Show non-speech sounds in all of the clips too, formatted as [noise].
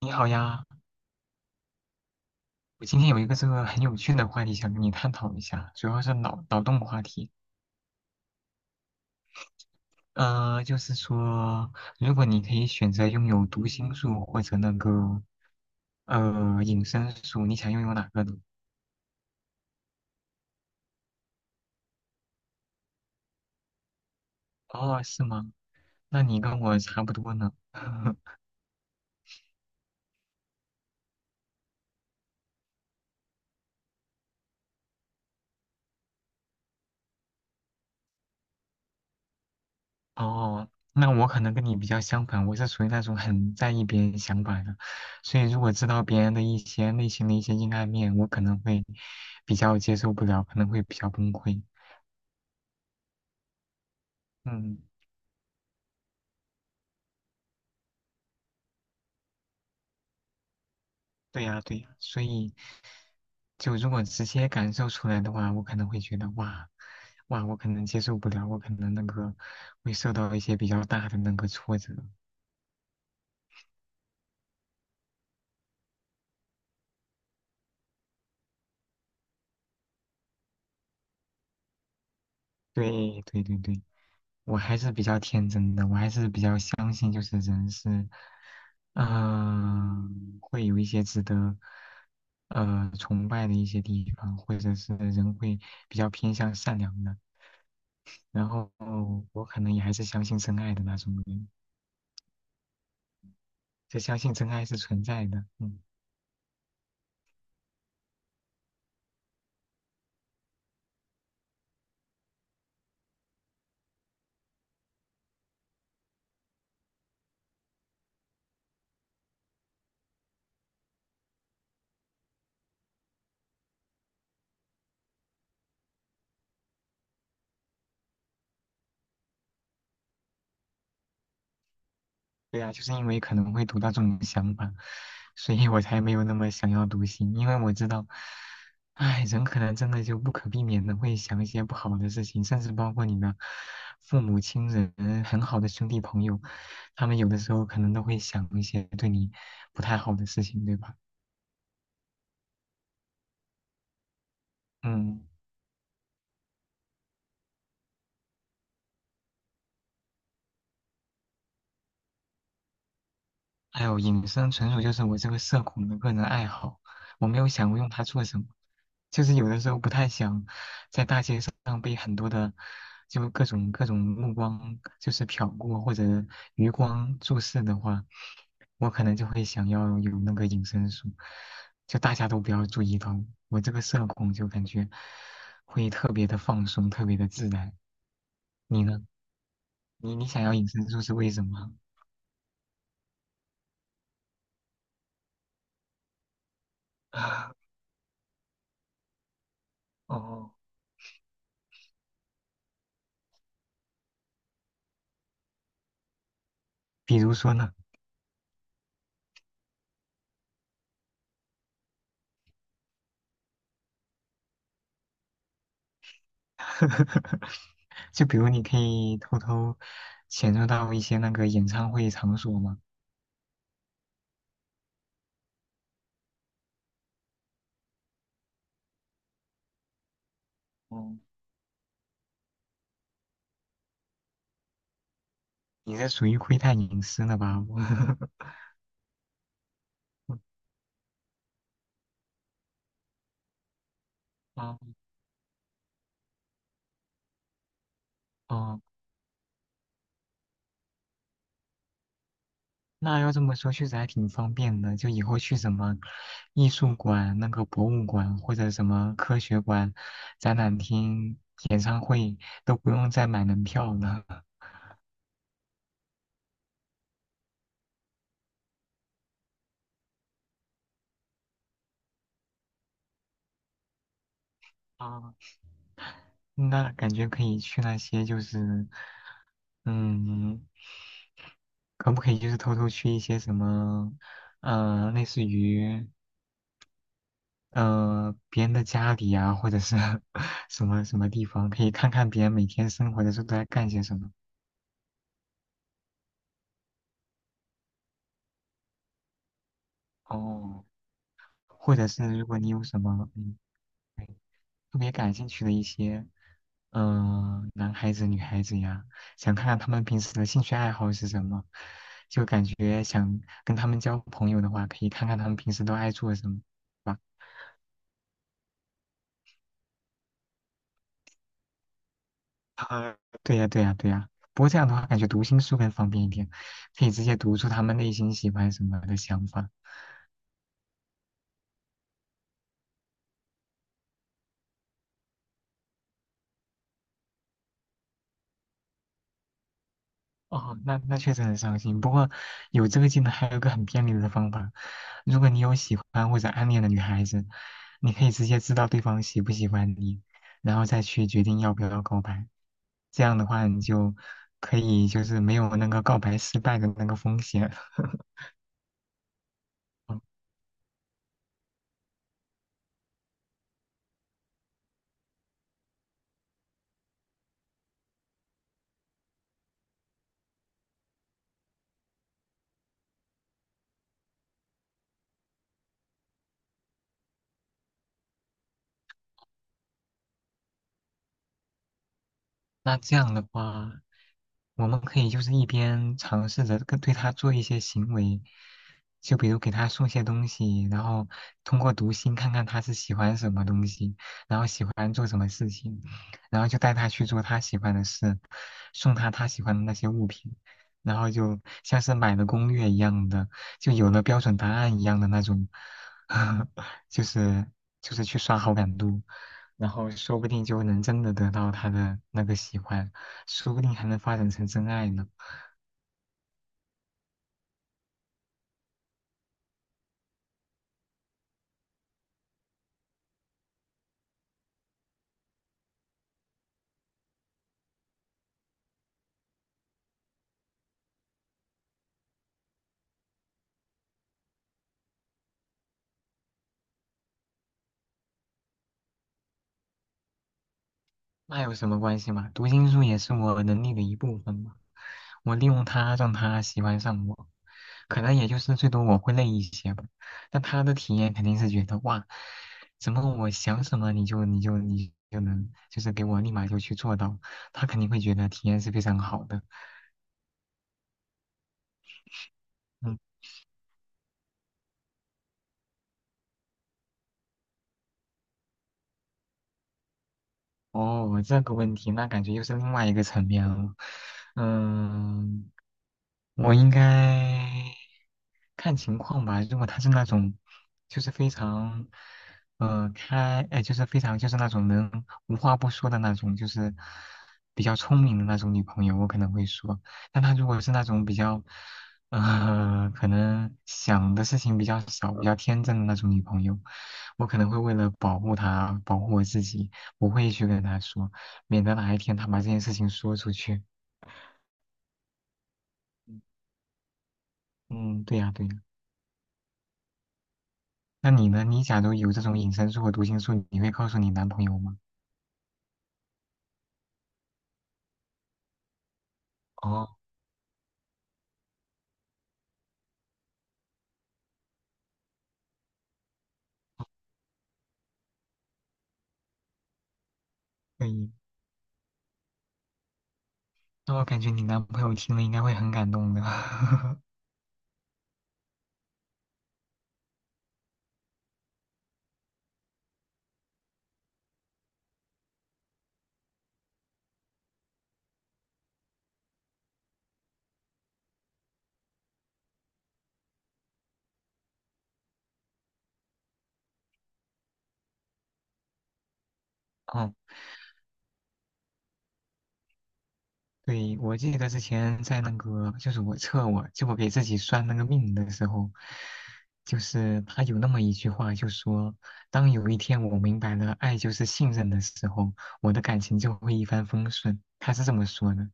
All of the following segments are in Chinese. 你好呀，我今天有一个这个很有趣的话题想跟你探讨一下，主要是脑洞话题。就是说，如果你可以选择拥有读心术或者那个隐身术，你想拥有哪个呢？哦，是吗？那你跟我差不多呢。[laughs] 哦，那我可能跟你比较相反，我是属于那种很在意别人想法的，所以如果知道别人的一些内心的一些阴暗面，我可能会比较接受不了，可能会比较崩溃。嗯。对呀，对呀，所以就如果直接感受出来的话，我可能会觉得哇，哇，我可能接受不了，我可能那个会受到一些比较大的那个挫折。对，对，对，对，我还是比较天真的，我还是比较相信，就是人是，会有一些值得，崇拜的一些地方，或者是人会比较偏向善良的。然后我可能也还是相信真爱的那种人。就相信真爱是存在的。嗯，对啊，就是因为可能会读到这种想法，所以我才没有那么想要读心，因为我知道，唉，人可能真的就不可避免的会想一些不好的事情，甚至包括你的父母亲人、很好的兄弟朋友，他们有的时候可能都会想一些对你不太好的事情，对吧？嗯。哎呦，隐身纯属就是我这个社恐的个人爱好，我没有想过用它做什么，就是有的时候不太想在大街上被很多的就各种各种目光就是瞟过或者余光注视的话，我可能就会想要有那个隐身术，就大家都不要注意到我，我这个社恐就感觉会特别的放松，特别的自然。你呢？你想要隐身术是为什么？[laughs] 哦，比如说呢？[laughs] 就比如你可以偷偷潜入到一些那个演唱会场所嘛。哦，你这属于窥探隐私了吧？我 [laughs] 哦哦，那要这么说，确实还挺方便的。就以后去什么艺术馆、那个博物馆或者什么科学馆、展览厅、演唱会，都不用再买门票了。啊，那感觉可以去那些就是，嗯。可不可以就是偷偷去一些什么，类似于别人的家里呀，或者是 [laughs] 什么什么地方，可以看看别人每天生活的时候都在干些什么。哦，或者是如果你有什么对特别感兴趣的一些，男孩子、女孩子呀，想看看他们平时的兴趣爱好是什么，就感觉想跟他们交朋友的话，可以看看他们平时都爱做什么。吧。啊，对呀，对呀，对呀。不过这样的话，感觉读心术更方便一点，可以直接读出他们内心喜欢什么的想法。哦，那那确实很伤心。不过有这个技能，还有一个很便利的方法，如果你有喜欢或者暗恋的女孩子，你可以直接知道对方喜不喜欢你，然后再去决定要不要告白。这样的话，你就可以就是没有那个告白失败的那个风险。[laughs] 那这样的话，我们可以就是一边尝试着跟对他做一些行为，就比如给他送些东西，然后通过读心看看他是喜欢什么东西，然后喜欢做什么事情，然后就带他去做他喜欢的事，送他他喜欢的那些物品，然后就像是买了攻略一样的，就有了标准答案一样的那种，[laughs] 就是就是去刷好感度。然后说不定就能真的得到他的那个喜欢，说不定还能发展成真爱呢。那有什么关系嘛？读心术也是我能力的一部分嘛。我利用它让他喜欢上我，可能也就是最多我会累一些吧。但他的体验肯定是觉得哇，怎么我想什么你就能就是给我立马就去做到，他肯定会觉得体验是非常好的。嗯，哦，这个问题那感觉又是另外一个层面了。嗯。我应该看情况吧。如果她是那种，就是非常，就是非常就是那种能无话不说的那种，就是比较聪明的那种女朋友，我可能会说。但她如果是那种比较，可能想的事情比较少、比较天真的那种女朋友，我可能会为了保护她、保护我自己，不会去跟她说，免得哪一天她把这件事情说出去。嗯，对呀，对呀。那你呢？你假如有这种隐身术和读心术，你会告诉你男朋友吗？哦，可以。那我感觉你男朋友听了应该会很感动的。[laughs] 哦，对，我记得之前在那个，就是我测我，就我给自己算那个命的时候，就是他有那么一句话，就说，当有一天我明白了爱就是信任的时候，我的感情就会一帆风顺。他是这么说的，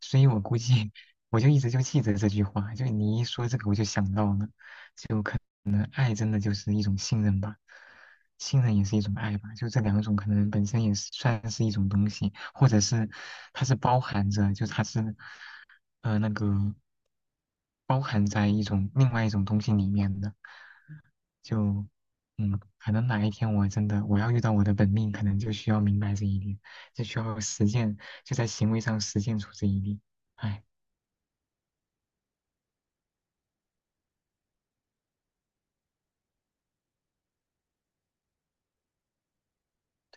所以我估计 [laughs] 我就一直就记着这句话，就你一说这个我就想到了。爱真的就是一种信任吧，信任也是一种爱吧，就这两种可能本身也是算是一种东西，或者是它是包含着，就它是那个包含在一种另外一种东西里面的，就可能哪一天我真的我要遇到我的本命，可能就需要明白这一点，就需要实践，就在行为上实践出这一点。哎，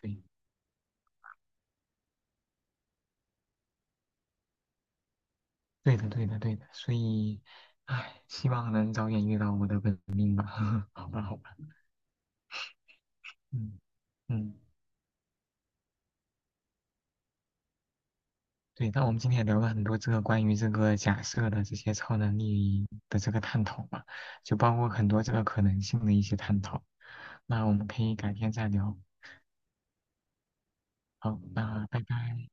对，对的，对的，对的，所以。哎，希望能早点遇到我的本命吧。[laughs] 好吧，好吧。嗯嗯，对，那我们今天也聊了很多这个关于这个假设的这些超能力的这个探讨嘛，就包括很多这个可能性的一些探讨。那我们可以改天再聊。好，那拜拜。